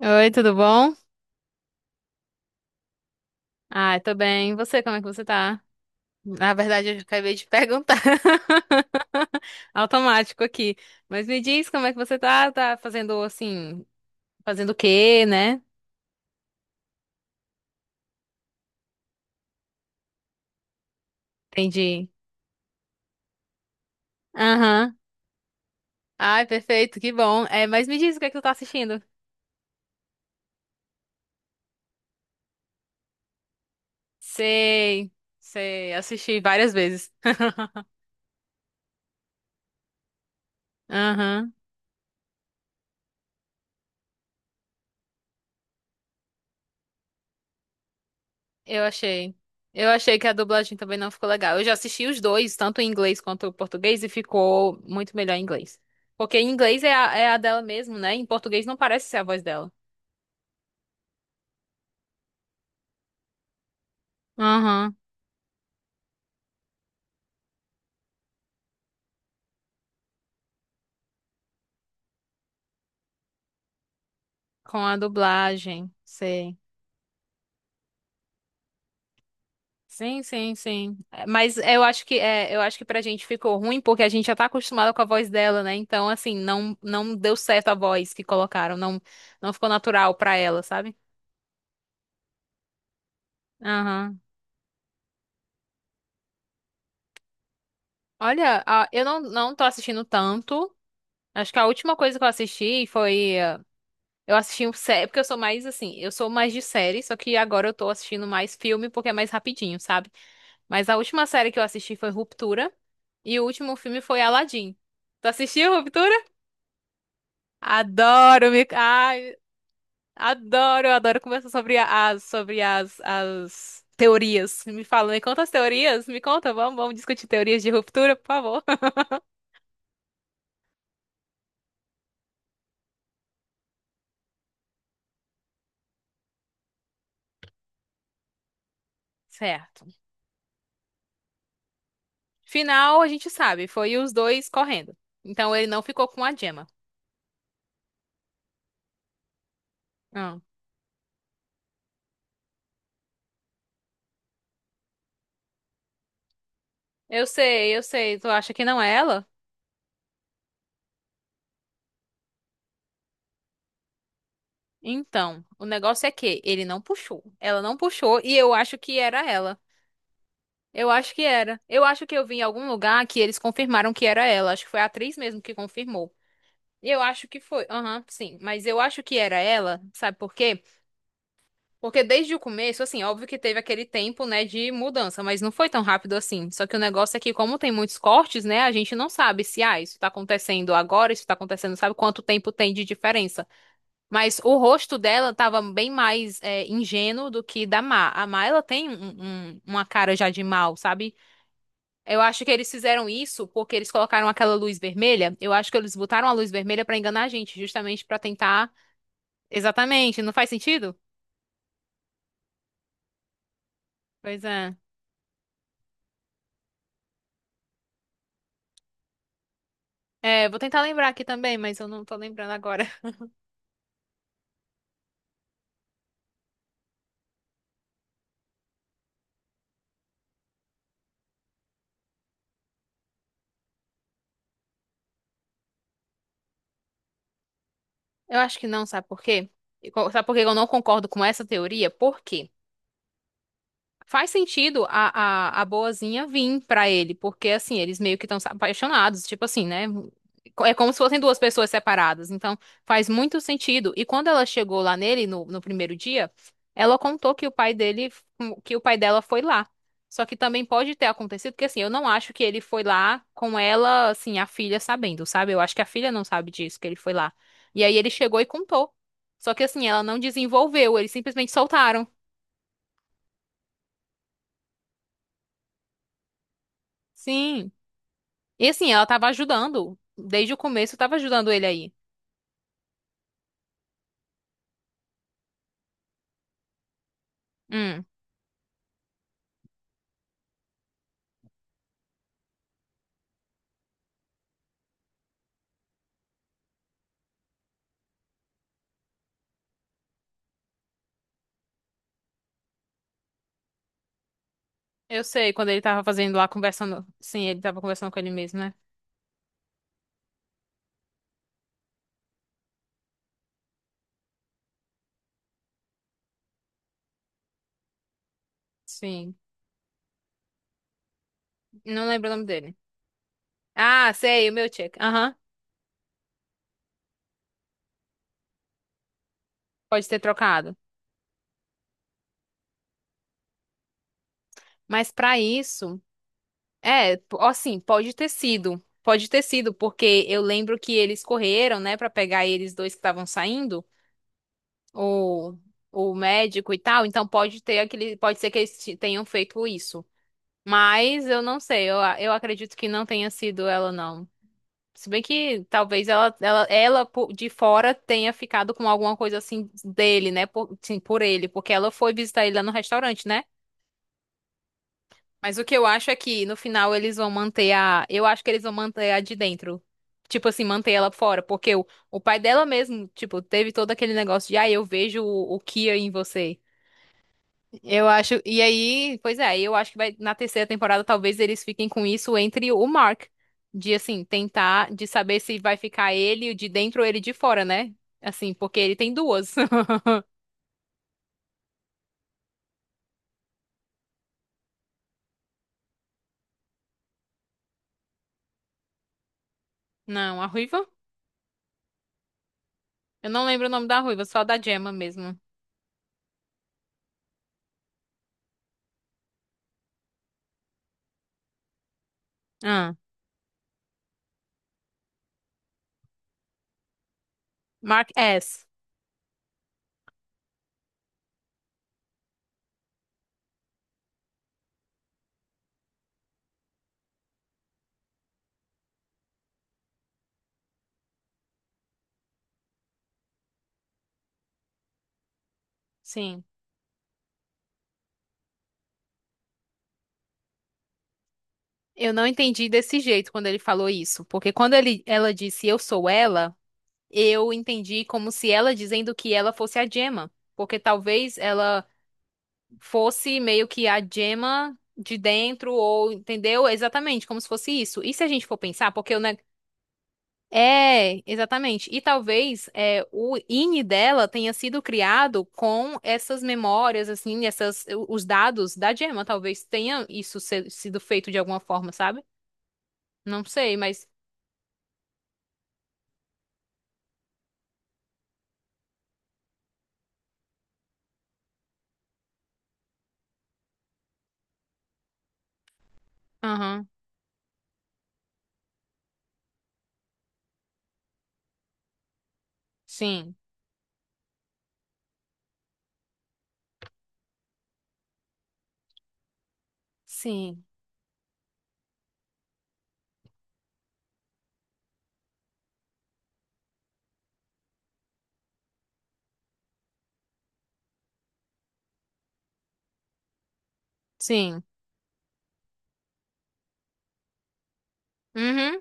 Oi, tudo bom? Ah, eu tô bem. E você, como é que você tá? Na verdade, eu acabei de perguntar. Automático aqui. Mas me diz como é que você tá? Tá fazendo assim, fazendo o quê, né? Entendi. Aham. Ai, perfeito, que bom. É, mas me diz o que é que tu tá assistindo. Sei, sei, assisti várias vezes. Aham. Eu achei. Eu achei que a dublagem também não ficou legal. Eu já assisti os dois, tanto em inglês quanto em português, e ficou muito melhor em inglês. Porque em inglês é a dela mesmo, né? Em português não parece ser a voz dela. Aham. Com a dublagem, sei. Sim, sim, sim. É, mas eu acho que pra gente ficou ruim porque a gente já tá acostumado com a voz dela, né? Então, assim, não deu certo a voz que colocaram, não ficou natural pra ela, sabe? Aham. Olha, ah, eu não tô assistindo tanto. Acho que a última coisa que eu assisti foi. Eu assisti um série, porque eu sou mais assim, eu sou mais de série, só que agora eu tô assistindo mais filme porque é mais rapidinho, sabe? Mas a última série que eu assisti foi Ruptura e o último filme foi Aladdin. Tu assistiu Ruptura? Adoro, me... Ai, adoro, eu adoro conversar sobre as teorias. Me fala, me conta as teorias, me conta, vamos, vamos discutir teorias de Ruptura, por favor. Certo. Final, a gente sabe, foi os dois correndo. Então ele não ficou com a Gemma. Ah, eu sei, eu sei. Tu acha que não é ela? Então, o negócio é que ele não puxou. Ela não puxou e eu acho que era ela. Eu acho que era. Eu acho que eu vi em algum lugar que eles confirmaram que era ela. Acho que foi a atriz mesmo que confirmou. Eu acho que foi. Aham, sim. Mas eu acho que era ela. Sabe por quê? Porque desde o começo, assim, óbvio que teve aquele tempo, né, de mudança, mas não foi tão rápido assim. Só que o negócio é que, como tem muitos cortes, né, a gente não sabe se, ah, isso tá acontecendo agora, isso tá acontecendo, sabe quanto tempo tem de diferença. Mas o rosto dela tava bem mais ingênuo do que da Má. A Má, ela tem uma cara já de mal, sabe? Eu acho que eles fizeram isso porque eles colocaram aquela luz vermelha. Eu acho que eles botaram a luz vermelha pra enganar a gente, justamente pra tentar. Exatamente, não faz sentido? Pois é. É, vou tentar lembrar aqui também, mas eu não tô lembrando agora. Eu acho que não, sabe por quê? Sabe por que eu não concordo com essa teoria? Por quê? Faz sentido a boazinha vir pra ele, porque assim, eles meio que estão apaixonados, tipo assim, né? É como se fossem duas pessoas separadas, então faz muito sentido. E quando ela chegou lá nele no primeiro dia, ela contou que o pai dele, que o pai dela foi lá. Só que também pode ter acontecido, porque assim, eu não acho que ele foi lá com ela, assim, a filha sabendo, sabe? Eu acho que a filha não sabe disso, que ele foi lá. E aí ele chegou e contou. Só que assim, ela não desenvolveu, eles simplesmente soltaram. Sim. E assim, ela tava ajudando. Desde o começo, tava ajudando ele aí. Hum, eu sei, quando ele tava fazendo lá, conversando. Sim, ele tava conversando com ele mesmo, né? Sim. Não lembro o nome dele. Ah, sei, o meu check. Aham. Pode ter trocado. Mas pra isso, assim, pode ter sido. Pode ter sido, porque eu lembro que eles correram, né, pra pegar eles dois que estavam saindo, o, o médico e tal. Então pode ter aquele, pode ser que eles tenham feito isso. Mas eu não sei, eu acredito que não tenha sido ela, não. Se bem que talvez ela de fora tenha ficado com alguma coisa assim dele, né? Por, sim, por ele, porque ela foi visitar ele lá no restaurante, né? Mas o que eu acho é que no final eles vão manter a. Eu acho que eles vão manter a de dentro. Tipo assim, manter ela fora. Porque o pai dela mesmo, tipo, teve todo aquele negócio de, ah, eu vejo o Kia em você. Eu acho. E aí, pois é, eu acho que vai, na terceira temporada talvez eles fiquem com isso entre o Mark. De assim, tentar de saber se vai ficar ele de dentro ou ele de fora, né? Assim, porque ele tem duas. Não, a Ruiva? Eu não lembro o nome da Ruiva, só da Gemma mesmo. Ah, Mark S. Sim. Eu não entendi desse jeito quando ele falou isso, porque quando ele, ela disse eu sou ela, eu entendi como se ela dizendo que ela fosse a Gemma, porque talvez ela fosse meio que a gema de dentro, ou entendeu? Exatamente, como se fosse isso. E se a gente for pensar, porque o neg... É, exatamente. E talvez o INI dela tenha sido criado com essas memórias, assim, essas, os dados da gema. Talvez tenha isso sido feito de alguma forma, sabe? Não sei, mas. Aham. Sim. Sim. Sim. Uhum.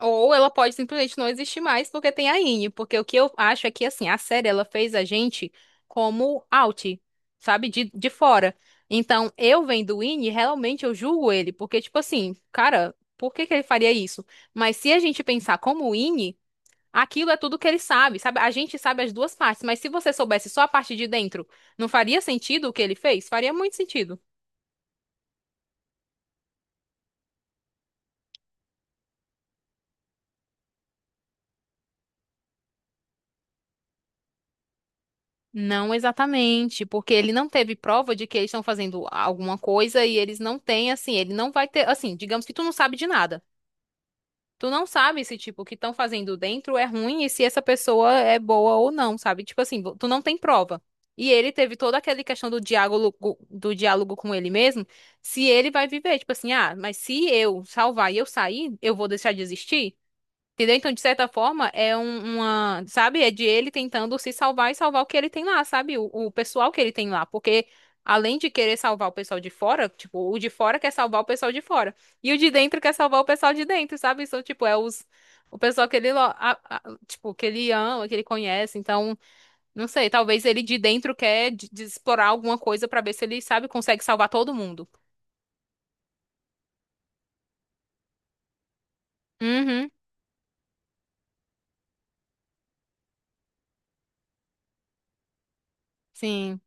Ou ela pode simplesmente não existir mais porque tem a Ine, porque o que eu acho é que assim, a série ela fez a gente como out, sabe, de fora. Então, eu vendo o Ine, realmente eu julgo ele, porque tipo assim, cara, por que que ele faria isso? Mas se a gente pensar como o Ine, aquilo é tudo que ele sabe, sabe? A gente sabe as duas partes, mas se você soubesse só a parte de dentro, não faria sentido o que ele fez? Faria muito sentido. Não exatamente, porque ele não teve prova de que eles estão fazendo alguma coisa e eles não têm, assim, ele não vai ter, assim, digamos que tu não sabe de nada. Tu não sabe se, tipo, o que estão fazendo dentro é ruim e se essa pessoa é boa ou não, sabe? Tipo assim, tu não tem prova. E ele teve toda aquela questão do diálogo com ele mesmo, se ele vai viver, tipo assim, ah, mas se eu salvar e eu sair, eu vou deixar de existir? Entendeu? Então, de certa forma, é uma, sabe? É de ele tentando se salvar e salvar o que ele tem lá, sabe? O pessoal que ele tem lá. Porque, além de querer salvar o pessoal de fora, tipo, o de fora quer salvar o pessoal de fora. E o de dentro quer salvar o pessoal de dentro, sabe? Então, tipo, é os, o pessoal que ele, a- tipo, que ele ama, que ele conhece. Então, não sei, talvez ele de dentro quer de explorar alguma coisa pra ver se ele, sabe, consegue salvar todo mundo. Uhum, sim.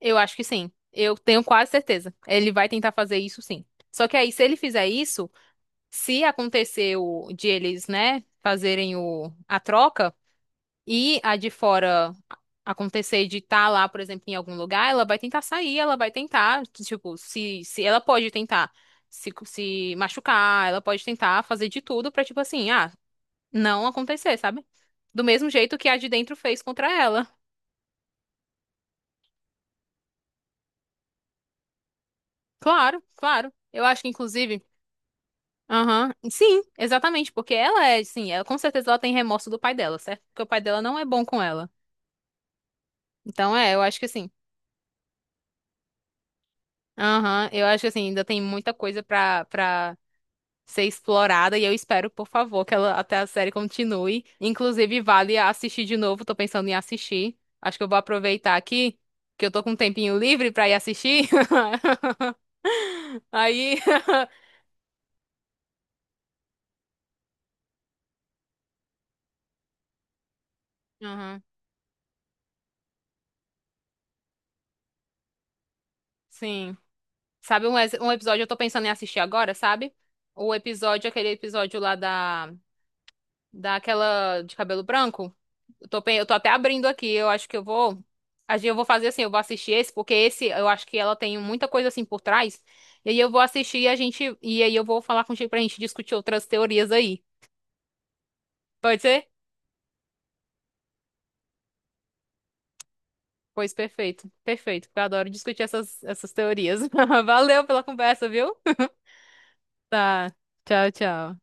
Eu acho que sim. Eu tenho quase certeza. Ele vai tentar fazer isso sim. Só que aí, se ele fizer isso, se aconteceu de eles, né, fazerem a troca e a de fora acontecer de estar lá, por exemplo, em algum lugar, ela vai tentar sair, ela vai tentar, tipo, se ela pode tentar se machucar, ela pode tentar fazer de tudo pra, tipo assim, ah, não acontecer, sabe? Do mesmo jeito que a de dentro fez contra ela. Claro, claro. Eu acho que, inclusive. Aham, sim, exatamente, porque ela é, sim, ela com certeza ela tem remorso do pai dela, certo? Porque o pai dela não é bom com ela. Então é, eu acho que assim. Aham, eu acho que assim, ainda tem muita coisa pra ser explorada e eu espero, por favor, que ela até a série continue. Inclusive, vale assistir de novo, tô pensando em assistir. Acho que eu vou aproveitar aqui, que eu tô com um tempinho livre pra ir assistir. Aí. Aham, sim. Sabe um, um episódio eu tô pensando em assistir agora, sabe? O episódio, aquele episódio lá da daquela de cabelo branco. Eu tô, eu tô até abrindo aqui, eu acho que eu vou acho que eu vou fazer assim, eu vou assistir esse, porque esse eu acho que ela tem muita coisa assim por trás. E aí eu vou assistir e a gente e aí eu vou falar contigo pra gente discutir outras teorias aí. Pode ser? Pois perfeito. Perfeito, porque eu adoro discutir essas teorias. Valeu pela conversa, viu? Tá. Tchau, tchau.